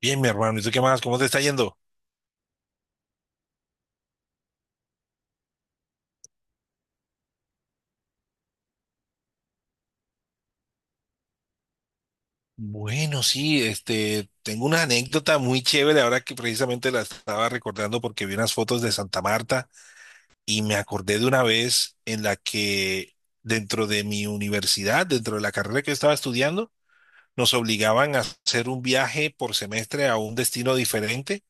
Bien, mi hermano, ¿y tú qué más? ¿Cómo te está yendo? Bueno, sí, tengo una anécdota muy chévere ahora que precisamente la estaba recordando porque vi unas fotos de Santa Marta y me acordé de una vez en la que dentro de mi universidad, dentro de la carrera que estaba estudiando, nos obligaban a hacer un viaje por semestre a un destino diferente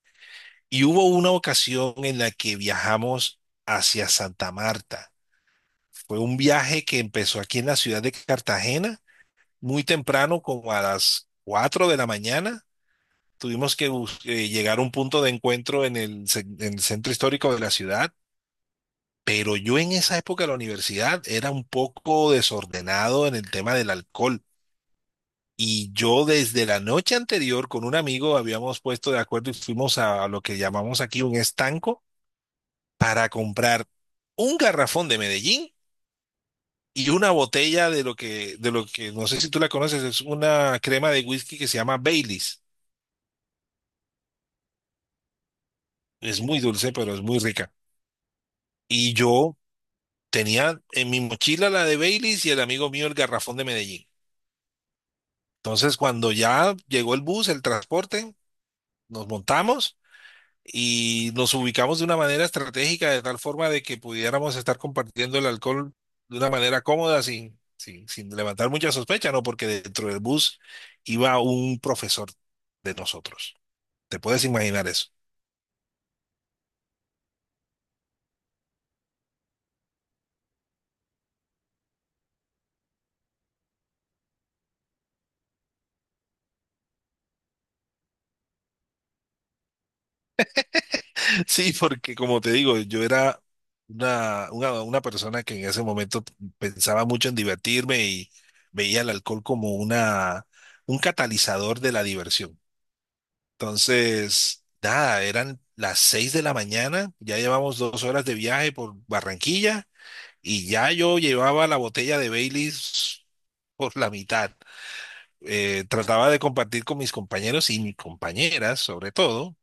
y hubo una ocasión en la que viajamos hacia Santa Marta. Fue un viaje que empezó aquí en la ciudad de Cartagena muy temprano, como a las 4 de la mañana. Tuvimos que llegar a un punto de encuentro en en el centro histórico de la ciudad, pero yo en esa época de la universidad era un poco desordenado en el tema del alcohol. Y yo desde la noche anterior con un amigo habíamos puesto de acuerdo y fuimos a lo que llamamos aquí un estanco para comprar un garrafón de Medellín y una botella de lo que, no sé si tú la conoces, es una crema de whisky que se llama Baileys. Es muy dulce, pero es muy rica. Y yo tenía en mi mochila la de Baileys y el amigo mío el garrafón de Medellín. Entonces, cuando ya llegó el bus, el transporte, nos montamos y nos ubicamos de una manera estratégica, de tal forma de que pudiéramos estar compartiendo el alcohol de una manera cómoda, sin levantar mucha sospecha, ¿no? Porque dentro del bus iba un profesor de nosotros. ¿Te puedes imaginar eso? Sí, porque como te digo, yo era una persona que en ese momento pensaba mucho en divertirme y veía el alcohol como un catalizador de la diversión. Entonces, nada, eran las 6 de la mañana, ya llevamos 2 horas de viaje por Barranquilla y ya yo llevaba la botella de Baileys por la mitad. Trataba de compartir con mis compañeros y mis compañeras, sobre todo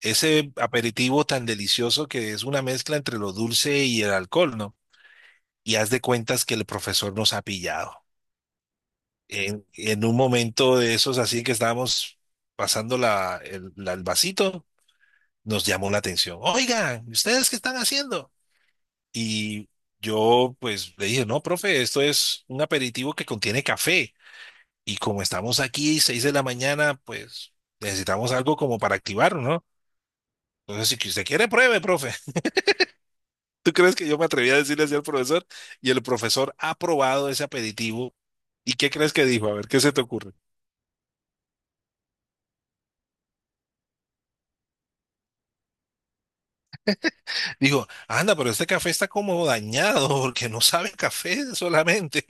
ese aperitivo tan delicioso que es una mezcla entre lo dulce y el alcohol, ¿no? Y haz de cuentas que el profesor nos ha pillado. En un momento de esos así que estábamos pasando el vasito, nos llamó la atención. Oigan, ¿ustedes qué están haciendo? Y yo pues le dije, no, profe, esto es un aperitivo que contiene café. Y como estamos aquí, 6 de la mañana, pues necesitamos algo como para activarnos, ¿no? Entonces, si que usted quiere, pruebe, profe. ¿Tú crees que yo me atreví a decirle así al profesor? Y el profesor ha probado ese aperitivo. ¿Y qué crees que dijo? A ver, ¿qué se te ocurre? Dijo, anda, pero este café está como dañado porque no sabe a café solamente.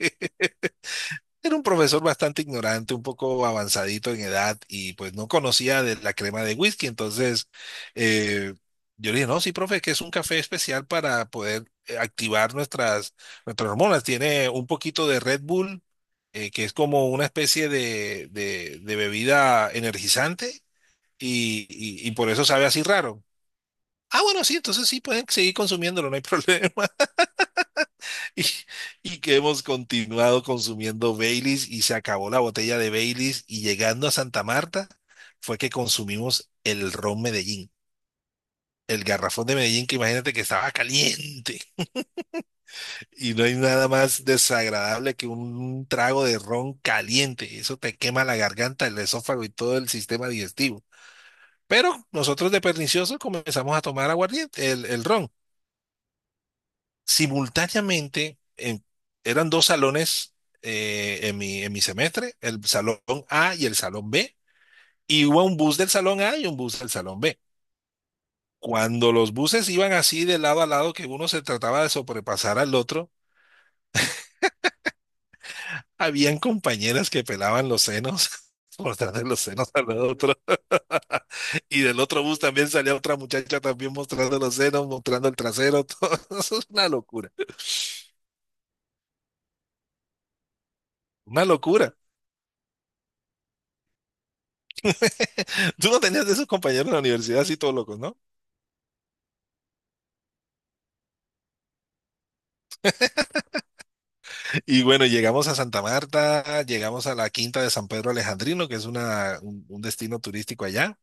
Era un profesor bastante ignorante, un poco avanzadito en edad y pues no conocía de la crema de whisky. Entonces eh, yo le dije, no, sí, profe, es que es un café especial para poder activar nuestras hormonas. Tiene un poquito de Red Bull, que es como una especie de, de bebida energizante y por eso sabe así raro. Ah, bueno, sí, entonces sí pueden seguir consumiéndolo, no hay problema. Y, y que hemos continuado consumiendo Baileys y se acabó la botella de Baileys y llegando a Santa Marta fue que consumimos el ron Medellín, el garrafón de Medellín que imagínate que estaba caliente y no hay nada más desagradable que un trago de ron caliente, eso te quema la garganta, el esófago y todo el sistema digestivo. Pero nosotros de perniciosos comenzamos a tomar aguardiente, el ron simultáneamente. Eran dos salones en en mi semestre, el salón A y el salón B. Iba un bus del salón A y un bus del salón B. Cuando los buses iban así de lado a lado, que uno se trataba de sobrepasar al otro, habían compañeras que pelaban los senos, mostrando los senos al otro. Y del otro bus también salía otra muchacha también mostrando los senos, mostrando el trasero, todo. Eso es una locura, una locura. Tú no tenías de esos compañeros en la universidad así todos locos, ¿no? Y bueno, llegamos a Santa Marta, llegamos a la Quinta de San Pedro Alejandrino, que es un destino turístico allá,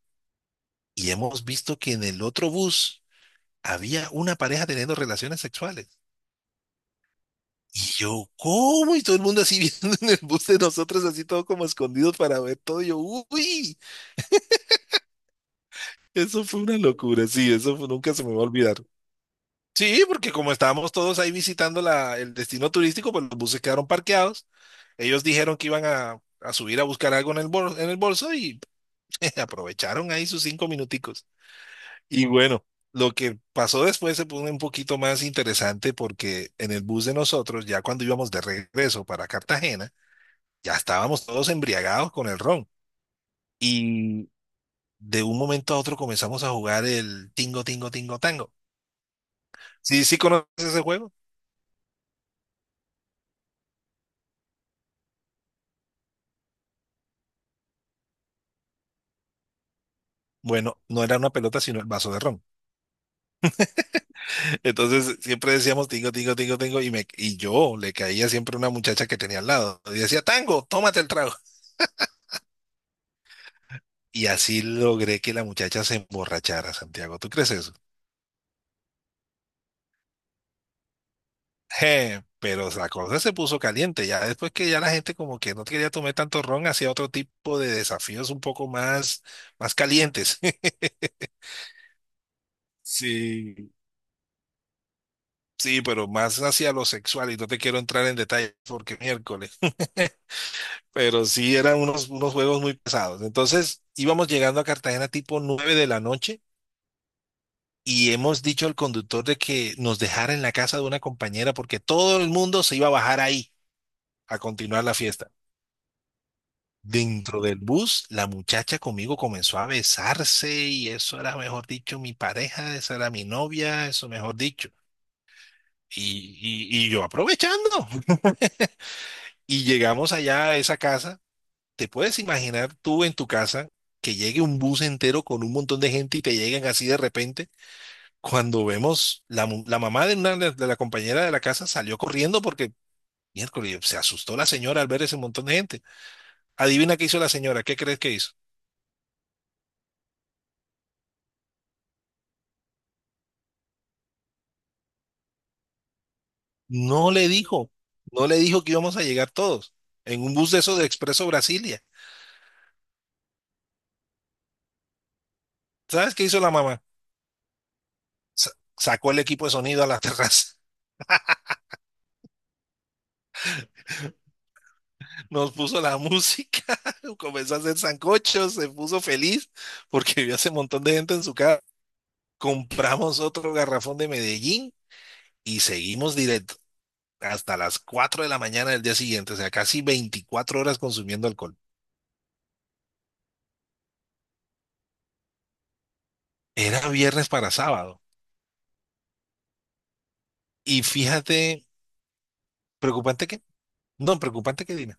y hemos visto que en el otro bus había una pareja teniendo relaciones sexuales. Y yo, ¿cómo? Y todo el mundo así viendo en el bus de nosotros, así todo como escondidos para ver todo. Y yo, uy, eso fue una locura, sí, nunca se me va a olvidar. Sí, porque como estábamos todos ahí visitando el destino turístico, pues los buses quedaron parqueados. Ellos dijeron que iban a subir a buscar algo en el bolso, y aprovecharon ahí sus 5 minuticos. Y bueno, lo que pasó después se pone un poquito más interesante porque en el bus de nosotros, ya cuando íbamos de regreso para Cartagena, ya estábamos todos embriagados con el ron. Y de un momento a otro comenzamos a jugar el tingo, tingo, tingo, tango. ¿Sí, sí conoces ese juego? Bueno, no era una pelota, sino el vaso de ron. Entonces siempre decíamos tingo, tingo, tingo, tingo, y yo le caía siempre una muchacha que tenía al lado. Y decía, tango, tómate el trago. Y así logré que la muchacha se emborrachara, Santiago. ¿Tú crees eso? Je, pero la cosa se puso caliente. Ya después que ya la gente como que no quería tomar tanto ron, hacía otro tipo de desafíos un poco más calientes. Sí, sí, pero más hacia lo sexual. Y no te quiero entrar en detalle porque miércoles. Pero sí eran unos juegos muy pesados. Entonces íbamos llegando a Cartagena tipo 9 de la noche y hemos dicho al conductor de que nos dejara en la casa de una compañera porque todo el mundo se iba a bajar ahí a continuar la fiesta. Dentro del bus, la muchacha conmigo comenzó a besarse y eso era, mejor dicho, mi pareja, esa era mi novia, eso mejor dicho. Y, y yo aprovechando. Y llegamos allá a esa casa. ¿Te puedes imaginar tú en tu casa que llegue un bus entero con un montón de gente y te lleguen así de repente? Cuando vemos la mamá de la compañera de la casa salió corriendo porque miércoles se asustó la señora al ver ese montón de gente. Adivina qué hizo la señora, ¿qué crees que hizo? No le dijo, que íbamos a llegar todos en un bus de esos de Expreso Brasilia. ¿Sabes qué hizo la mamá? Sa- Sacó el equipo de sonido a la terraza. Nos puso la música, comenzó a hacer sancochos, se puso feliz porque vio ese montón de gente en su casa. Compramos otro garrafón de Medellín y seguimos directo hasta las 4 de la mañana del día siguiente, o sea, casi 24 horas consumiendo alcohol. Era viernes para sábado. Y fíjate, preocupante que, no, preocupante que Dina.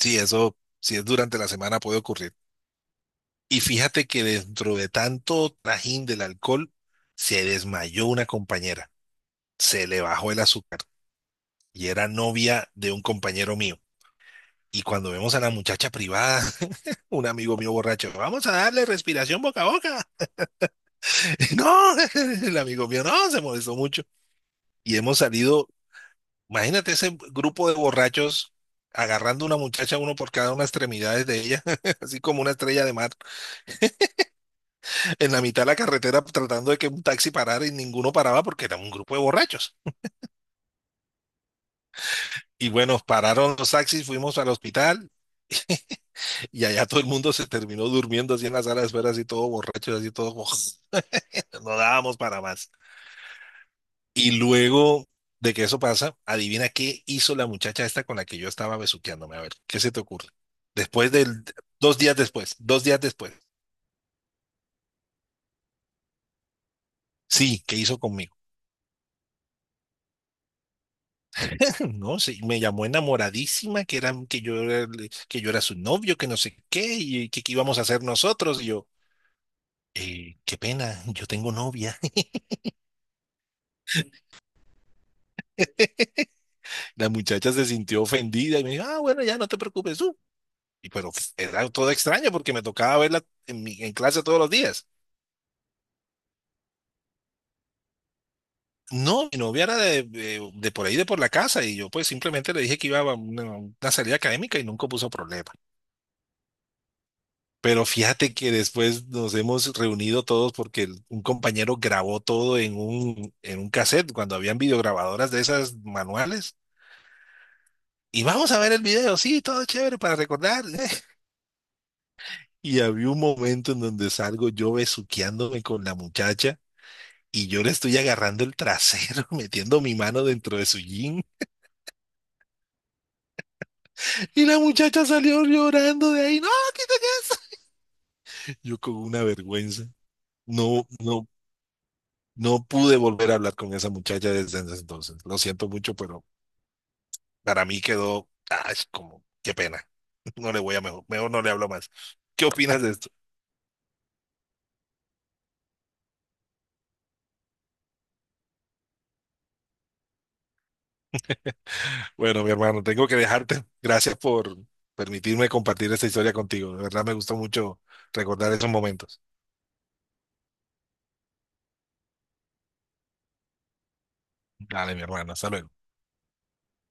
Sí, eso, si es durante la semana puede ocurrir. Y fíjate que dentro de tanto trajín del alcohol, se desmayó una compañera, se le bajó el azúcar y era novia de un compañero mío. Y cuando vemos a la muchacha privada, un amigo mío borracho, vamos a darle respiración boca a boca. No, el amigo mío no, se molestó mucho. Y hemos salido, imagínate ese grupo de borrachos agarrando una muchacha, uno por cada una extremidades de ella, así como una estrella de mar, en la mitad de la carretera tratando de que un taxi parara y ninguno paraba porque era un grupo de borrachos. Y bueno, pararon los taxis, fuimos al hospital. Y allá todo el mundo se terminó durmiendo así en la sala de espera, así todo borracho, así todo como no dábamos para más. Y luego de que eso pasa, adivina qué hizo la muchacha esta con la que yo estaba besuqueándome. A ver, ¿qué se te ocurre? Después del, 2 días después. Sí, ¿qué hizo conmigo? No, sí, me llamó enamoradísima, que era, que yo era, que yo era su novio, que no sé qué, y que qué íbamos a hacer nosotros. Y yo, qué pena, yo tengo novia. La muchacha se sintió ofendida y me dijo, ah, bueno, ya no te preocupes. Pero era todo extraño porque me tocaba verla en clase todos los días. No, mi novia era de por ahí, de por la casa, y yo pues simplemente le dije que iba a una salida académica y nunca puso problema. Pero fíjate que después nos hemos reunido todos porque un compañero grabó todo en un cassette cuando habían videograbadoras de esas manuales. Y vamos a ver el video, sí, todo chévere para recordar. Y había un momento en donde salgo yo besuqueándome con la muchacha. Y yo le estoy agarrando el trasero, metiendo mi mano dentro de su jean. Y la muchacha salió llorando de ahí. No, quítate eso. Yo con una vergüenza. No, no, no pude volver a hablar con esa muchacha desde ese entonces. Lo siento mucho, pero para mí quedó, ay, como, qué pena. No le voy a mejor, Mejor no le hablo más. ¿Qué opinas de esto? Bueno, mi hermano, tengo que dejarte. Gracias por permitirme compartir esta historia contigo. De verdad me gustó mucho recordar esos momentos. Dale, mi hermano, hasta luego.